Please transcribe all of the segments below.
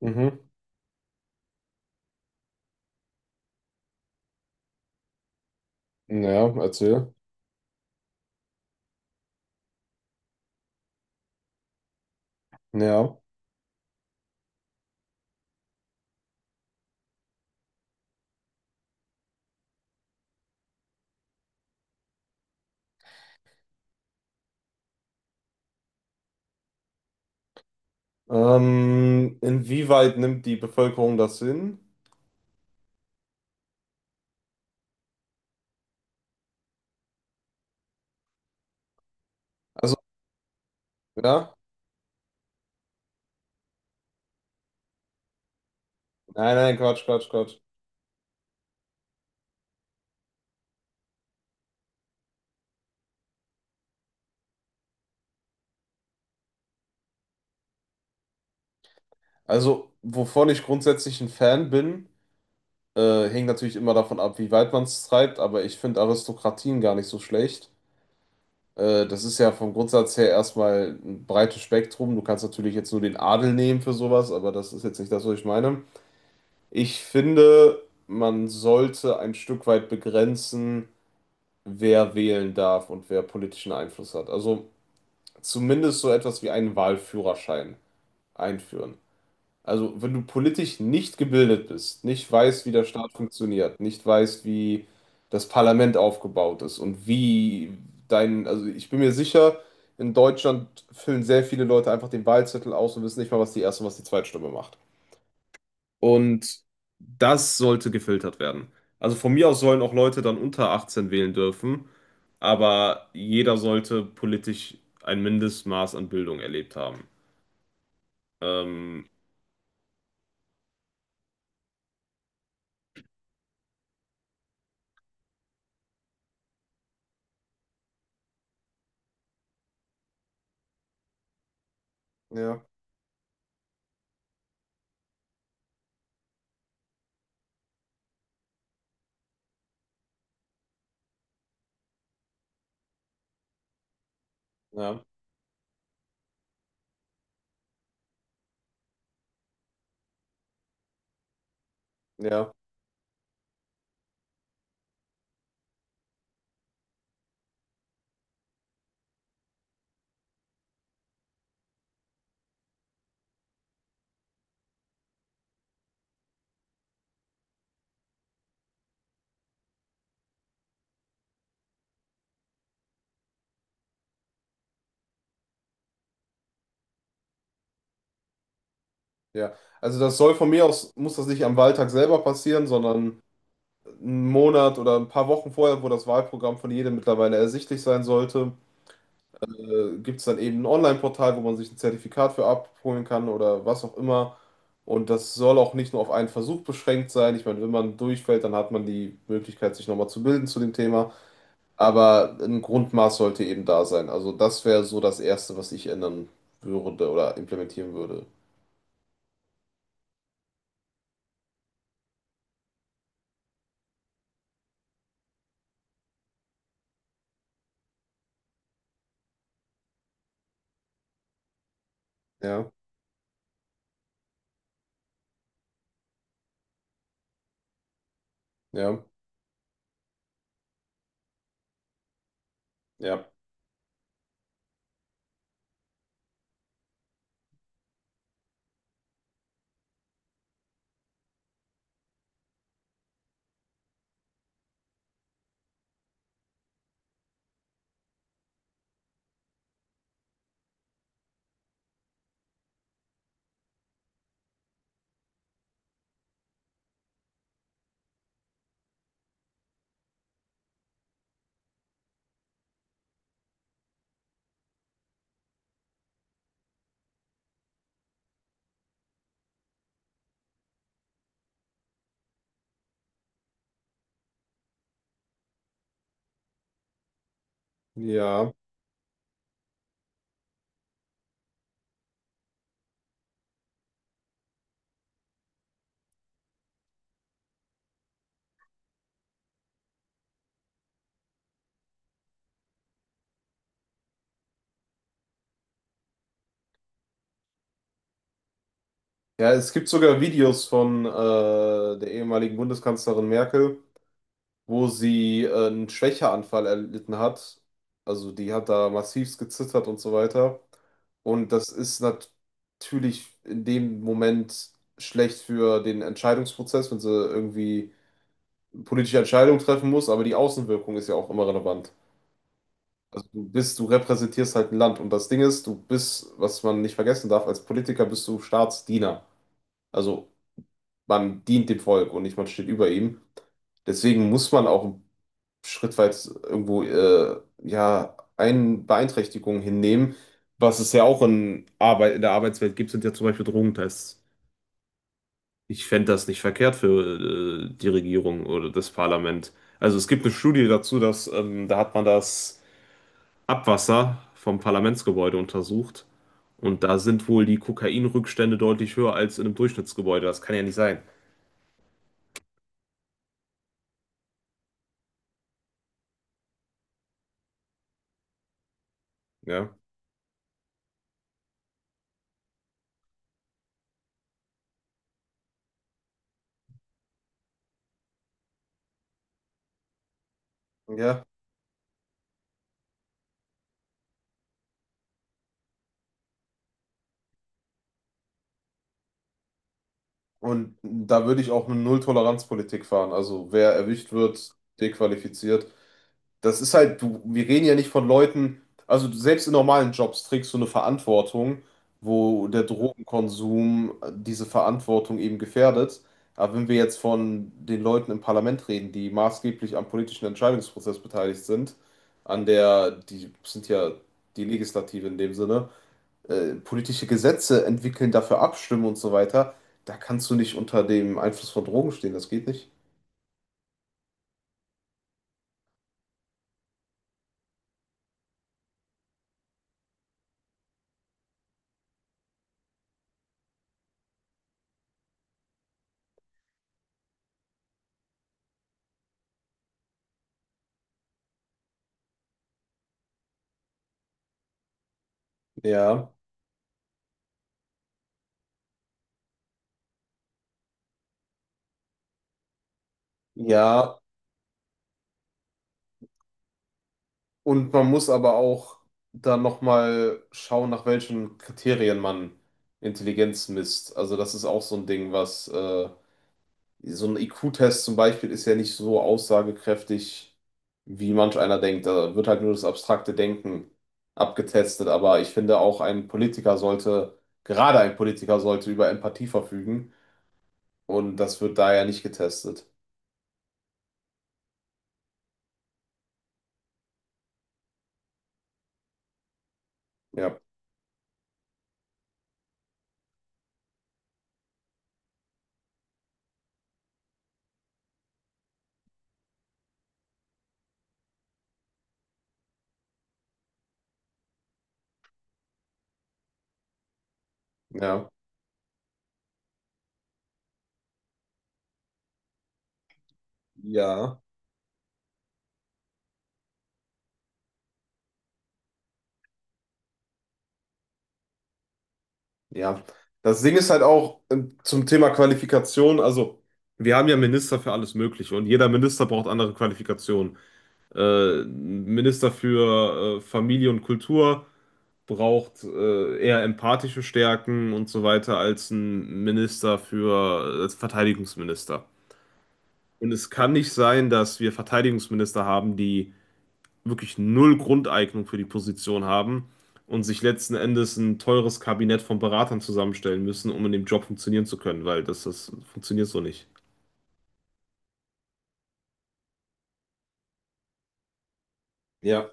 Mhm. Ja, erzähl. Ja. Inwieweit nimmt die Bevölkerung das hin? Also, ja. Nein, nein, Quatsch, Quatsch, Quatsch. Also, wovon ich grundsätzlich ein Fan bin, hängt natürlich immer davon ab, wie weit man es treibt, aber ich finde Aristokratien gar nicht so schlecht. Das ist ja vom Grundsatz her erstmal ein breites Spektrum. Du kannst natürlich jetzt nur den Adel nehmen für sowas, aber das ist jetzt nicht das, was ich meine. Ich finde, man sollte ein Stück weit begrenzen, wer wählen darf und wer politischen Einfluss hat. Also zumindest so etwas wie einen Wahlführerschein einführen. Also wenn du politisch nicht gebildet bist, nicht weißt, wie der Staat funktioniert, nicht weißt, wie das Parlament aufgebaut ist und wie dein, also ich bin mir sicher, in Deutschland füllen sehr viele Leute einfach den Wahlzettel aus und wissen nicht mal, was die erste und was die Zweitstimme macht. Und das sollte gefiltert werden. Also von mir aus sollen auch Leute dann unter 18 wählen dürfen, aber jeder sollte politisch ein Mindestmaß an Bildung erlebt haben. Ähm, Ja, ja, ja, ja. Also das soll von mir aus, muss das nicht am Wahltag selber passieren, sondern einen Monat oder ein paar Wochen vorher, wo das Wahlprogramm von jedem mittlerweile ersichtlich sein sollte. Gibt es dann eben ein Online-Portal, wo man sich ein Zertifikat für abholen kann oder was auch immer. Und das soll auch nicht nur auf einen Versuch beschränkt sein. Ich meine, wenn man durchfällt, dann hat man die Möglichkeit, sich nochmal zu bilden zu dem Thema. Aber ein Grundmaß sollte eben da sein. Also das wäre so das Erste, was ich ändern würde oder implementieren würde. Ja, ja, ja, ja. Ja, es gibt sogar Videos von der ehemaligen Bundeskanzlerin Merkel, wo sie einen Schwächeanfall erlitten hat. Also die hat da massivst gezittert und so weiter. Und das ist natürlich in dem Moment schlecht für den Entscheidungsprozess, wenn sie irgendwie politische Entscheidungen treffen muss, aber die Außenwirkung ist ja auch immer relevant. Also du bist, du repräsentierst halt ein Land. Und das Ding ist, du bist, was man nicht vergessen darf, als Politiker bist du Staatsdiener. Also man dient dem Volk und nicht man steht über ihm. Deswegen muss man auch schrittweit irgendwo ja ein Beeinträchtigungen hinnehmen, was es ja auch in der Arbeitswelt gibt, sind ja zum Beispiel Drogentests. Ich fände das nicht verkehrt für die Regierung oder das Parlament. Also es gibt eine Studie dazu, dass da hat man das Abwasser vom Parlamentsgebäude untersucht und da sind wohl die Kokainrückstände deutlich höher als in einem Durchschnittsgebäude. Das kann ja nicht sein. Ja. Ja. Und da würde ich auch eine Null-Toleranz-Politik fahren. Also wer erwischt wird, dequalifiziert. Das ist halt, du, wir reden ja nicht von Leuten, also selbst in normalen Jobs trägst du eine Verantwortung, wo der Drogenkonsum diese Verantwortung eben gefährdet. Aber wenn wir jetzt von den Leuten im Parlament reden, die maßgeblich am politischen Entscheidungsprozess beteiligt sind, an der, die sind ja die Legislative in dem Sinne, politische Gesetze entwickeln, dafür abstimmen und so weiter, da kannst du nicht unter dem Einfluss von Drogen stehen, das geht nicht. Ja, ja, und man muss aber auch dann nochmal schauen, nach welchen Kriterien man Intelligenz misst. Also das ist auch so ein Ding, was so ein IQ-Test zum Beispiel ist ja nicht so aussagekräftig, wie manch einer denkt. Da wird halt nur das abstrakte Denken abgetestet. Aber ich finde auch ein Politiker sollte, gerade ein Politiker sollte über Empathie verfügen. Und das wird da ja nicht getestet. Ja, ja, ja. Ja. Das Ding ist halt auch zum Thema Qualifikation, also. Wir haben ja Minister für alles Mögliche und jeder Minister braucht andere Qualifikationen. Minister für Familie und Kultur, braucht eher empathische Stärken und so weiter als ein Minister für, als Verteidigungsminister. Und es kann nicht sein, dass wir Verteidigungsminister haben, die wirklich null Grundeignung für die Position haben und sich letzten Endes ein teures Kabinett von Beratern zusammenstellen müssen, um in dem Job funktionieren zu können, weil das, das funktioniert so nicht. Ja,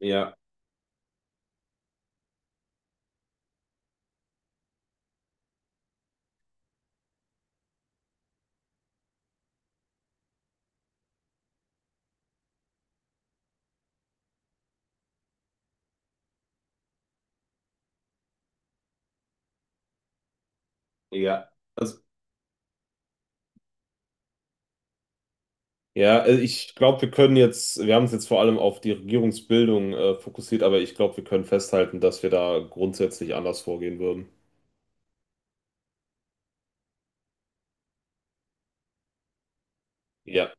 ja, ja. Also ja, also ich glaube, wir können jetzt, wir haben es jetzt vor allem auf die Regierungsbildung fokussiert, aber ich glaube, wir können festhalten, dass wir da grundsätzlich anders vorgehen würden. Ja.